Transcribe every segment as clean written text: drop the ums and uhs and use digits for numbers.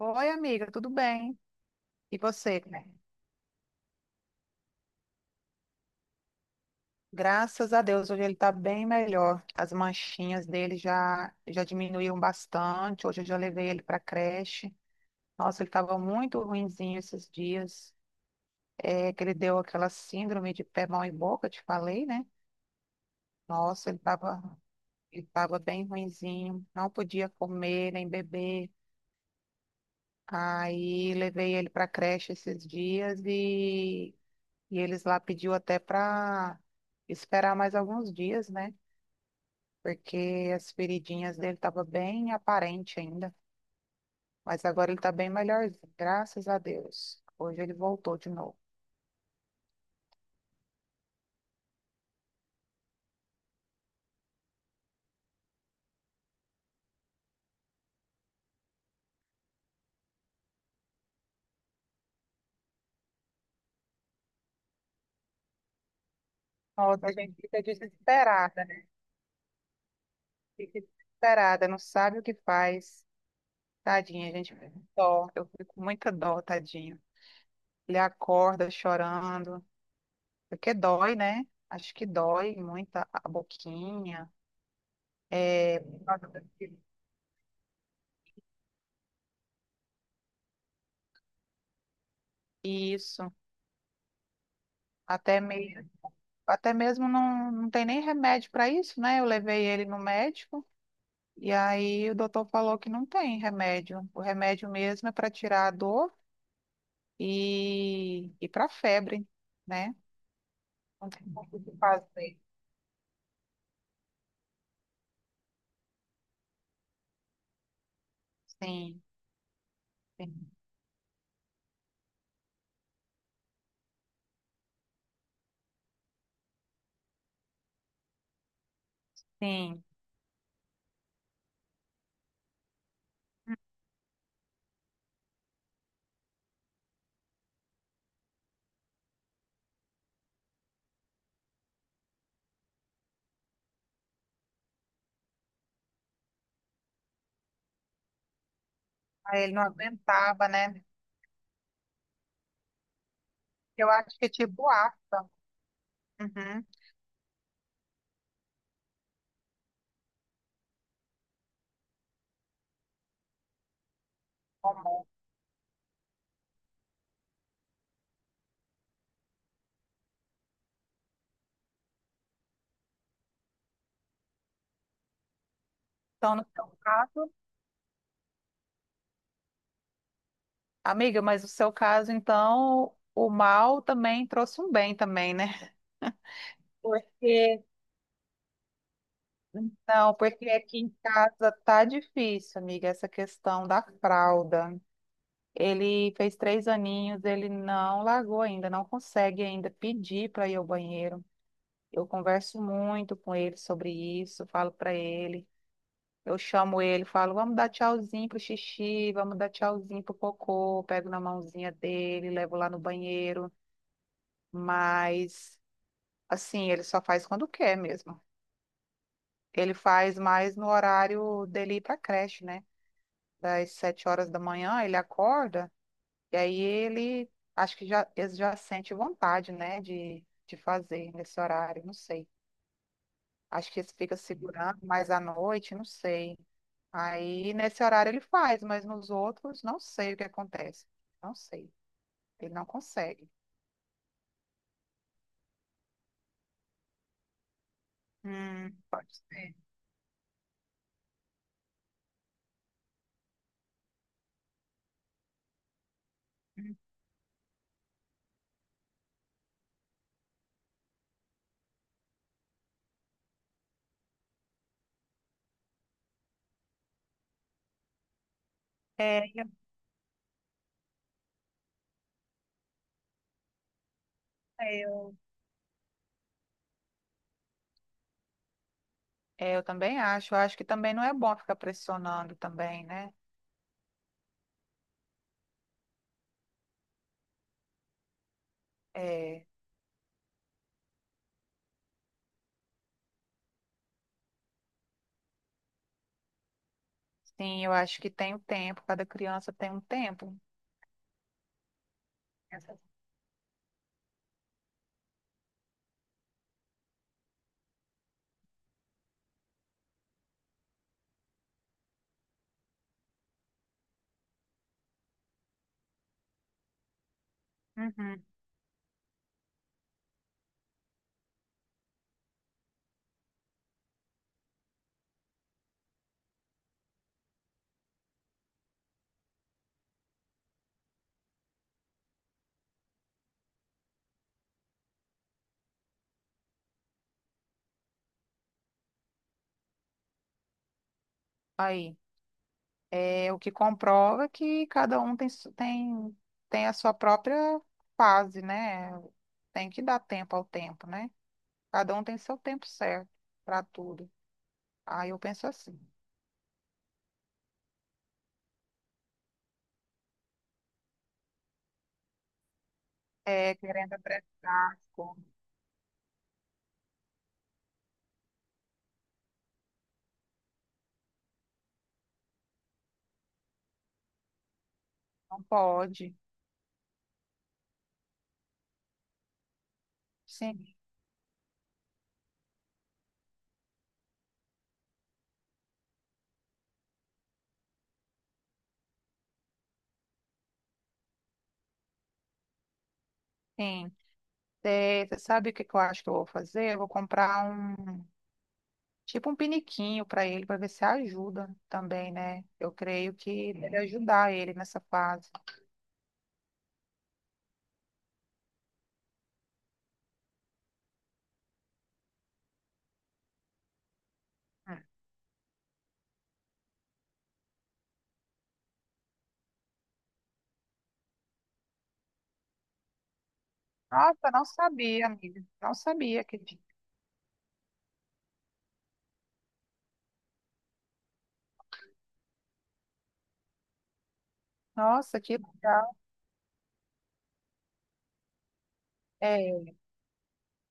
Oi, amiga, tudo bem? E você? Graças a Deus, hoje ele está bem melhor. As manchinhas dele já diminuíram bastante. Hoje eu já levei ele para creche. Nossa, ele estava muito ruinzinho esses dias. É, que ele deu aquela síndrome de pé, mão e boca, te falei, né? Nossa, ele estava bem ruinzinho, não podia comer nem beber. Aí levei ele para creche esses dias e eles lá pediu até para esperar mais alguns dias, né? Porque as feridinhas dele estavam bem aparente ainda. Mas agora ele está bem melhorzinho, graças a Deus. Hoje ele voltou de novo. Nossa, a gente fica desesperada, né? Fica desesperada, não sabe o que faz. Tadinha, a gente fica com dó. Eu fico com muita dó, tadinho. Ele acorda chorando, porque dói, né? Acho que dói muito a boquinha. É, por causa isso, até meio até mesmo não, não tem nem remédio para isso, né? Eu levei ele no médico e aí o doutor falou que não tem remédio. O remédio mesmo é para tirar a dor e para febre, né? Não tem muito o que fazer. Sim, sim, sim. Aí ele não aguentava, né? Eu acho que é tipo afta. Uhum. Hormônio. Então, no seu caso, amiga, mas o seu caso, então, o mal também trouxe um bem também, né? Porque não, porque aqui em casa tá difícil, amiga, essa questão da fralda. Ele fez 3 aninhos, ele não largou ainda, não consegue ainda pedir para ir ao banheiro. Eu converso muito com ele sobre isso, falo para ele, eu chamo ele, falo, vamos dar tchauzinho pro xixi, vamos dar tchauzinho pro cocô, pego na mãozinha dele, levo lá no banheiro, mas assim, ele só faz quando quer mesmo. Ele faz mais no horário dele ir para creche, né? Das 7 horas da manhã, ele acorda, e aí ele acho que já, ele já sente vontade, né, de fazer nesse horário, não sei. Acho que ele fica segurando mais à noite, não sei. Aí nesse horário ele faz, mas nos outros não sei o que acontece. Não sei. Ele não consegue. Pode ser. Hum. É, eu- eu também acho. Eu acho que também não é bom ficar pressionando também, né? É, sim, eu acho que tem o tempo. Cada criança tem um tempo. Uhum. Aí, é o que comprova que cada um tem a sua própria fase, né? Tem que dar tempo ao tempo, né? Cada um tem seu tempo certo para tudo. Aí eu penso assim, é, querendo apressar, as coisas, não pode. Sim, sim. É, você sabe o que que eu acho que eu vou fazer? Eu vou comprar um, tipo um piniquinho para ele, para ver se ajuda também, né? Eu creio que deve ajudar ele nessa fase. Nossa, não sabia, amiga. Não sabia que tinha. Nossa, que legal. É,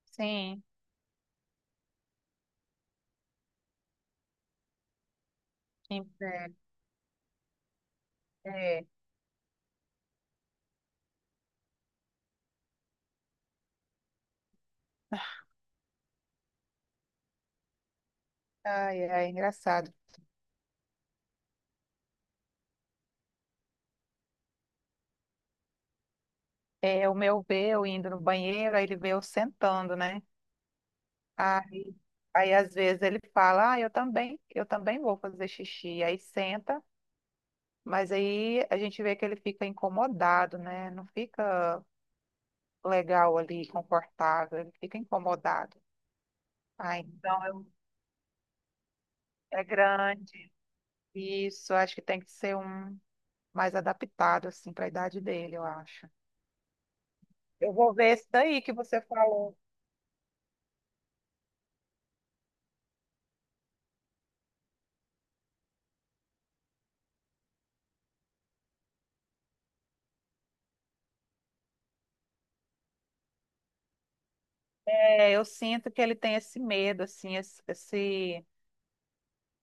sim, sim, é, é. Ai, ai, engraçado. É, o meu vê eu indo no banheiro, aí ele vê eu sentando, né? Aí, aí às vezes ele fala, ah, eu também vou fazer xixi. Aí senta, mas aí a gente vê que ele fica incomodado, né? Não fica legal ali, confortável, ele fica incomodado. Ah, então eu, é grande. Isso, acho que tem que ser um mais adaptado assim para a idade dele, eu acho. Eu vou ver esse daí que você falou. É, eu sinto que ele tem esse medo, assim,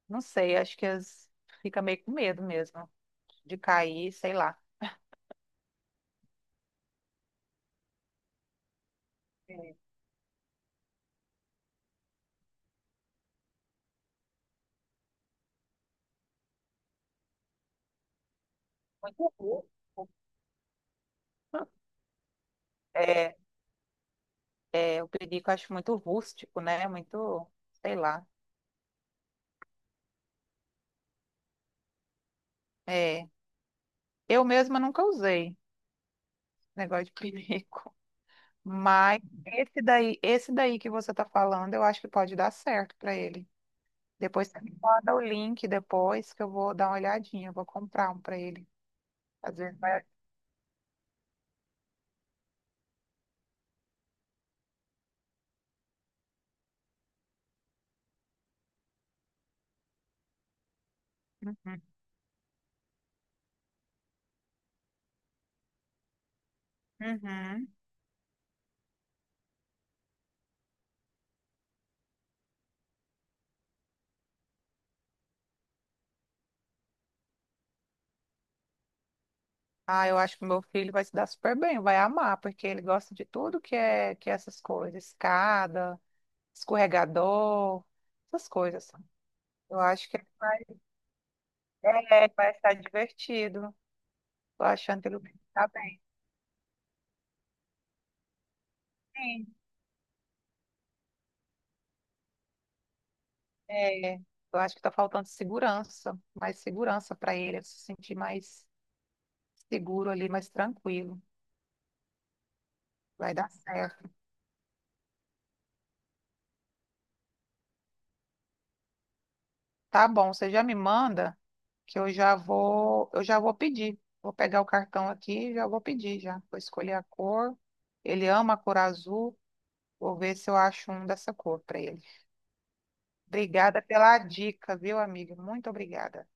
não sei, acho que fica meio com medo mesmo de cair, sei lá. É, muito rústico. É, é, o perico eu acho muito rústico, né? Muito, sei lá. É, eu mesma nunca usei esse negócio de perico, mas esse daí que você está falando, eu acho que pode dar certo para ele. Depois você me manda o link depois que eu vou dar uma olhadinha, eu vou comprar um para ele. Às vezes vai. Uhum. Uhum. Ah, eu acho que meu filho vai se dar super bem, vai amar, porque ele gosta de tudo que é essas coisas, escada, escorregador, essas coisas. Eu acho que ele vai, é, vai estar divertido. Tô achando que ele vai estar bem. Sim. É, eu acho que tá faltando segurança, mais segurança para ele, ele se sentir mais seguro ali, mais tranquilo. Vai dar certo. Tá bom, você já me manda que eu já vou pedir. Vou pegar o cartão aqui e já vou pedir já. Vou escolher a cor. Ele ama a cor azul. Vou ver se eu acho um dessa cor para ele. Obrigada pela dica, viu, amiga? Muito obrigada.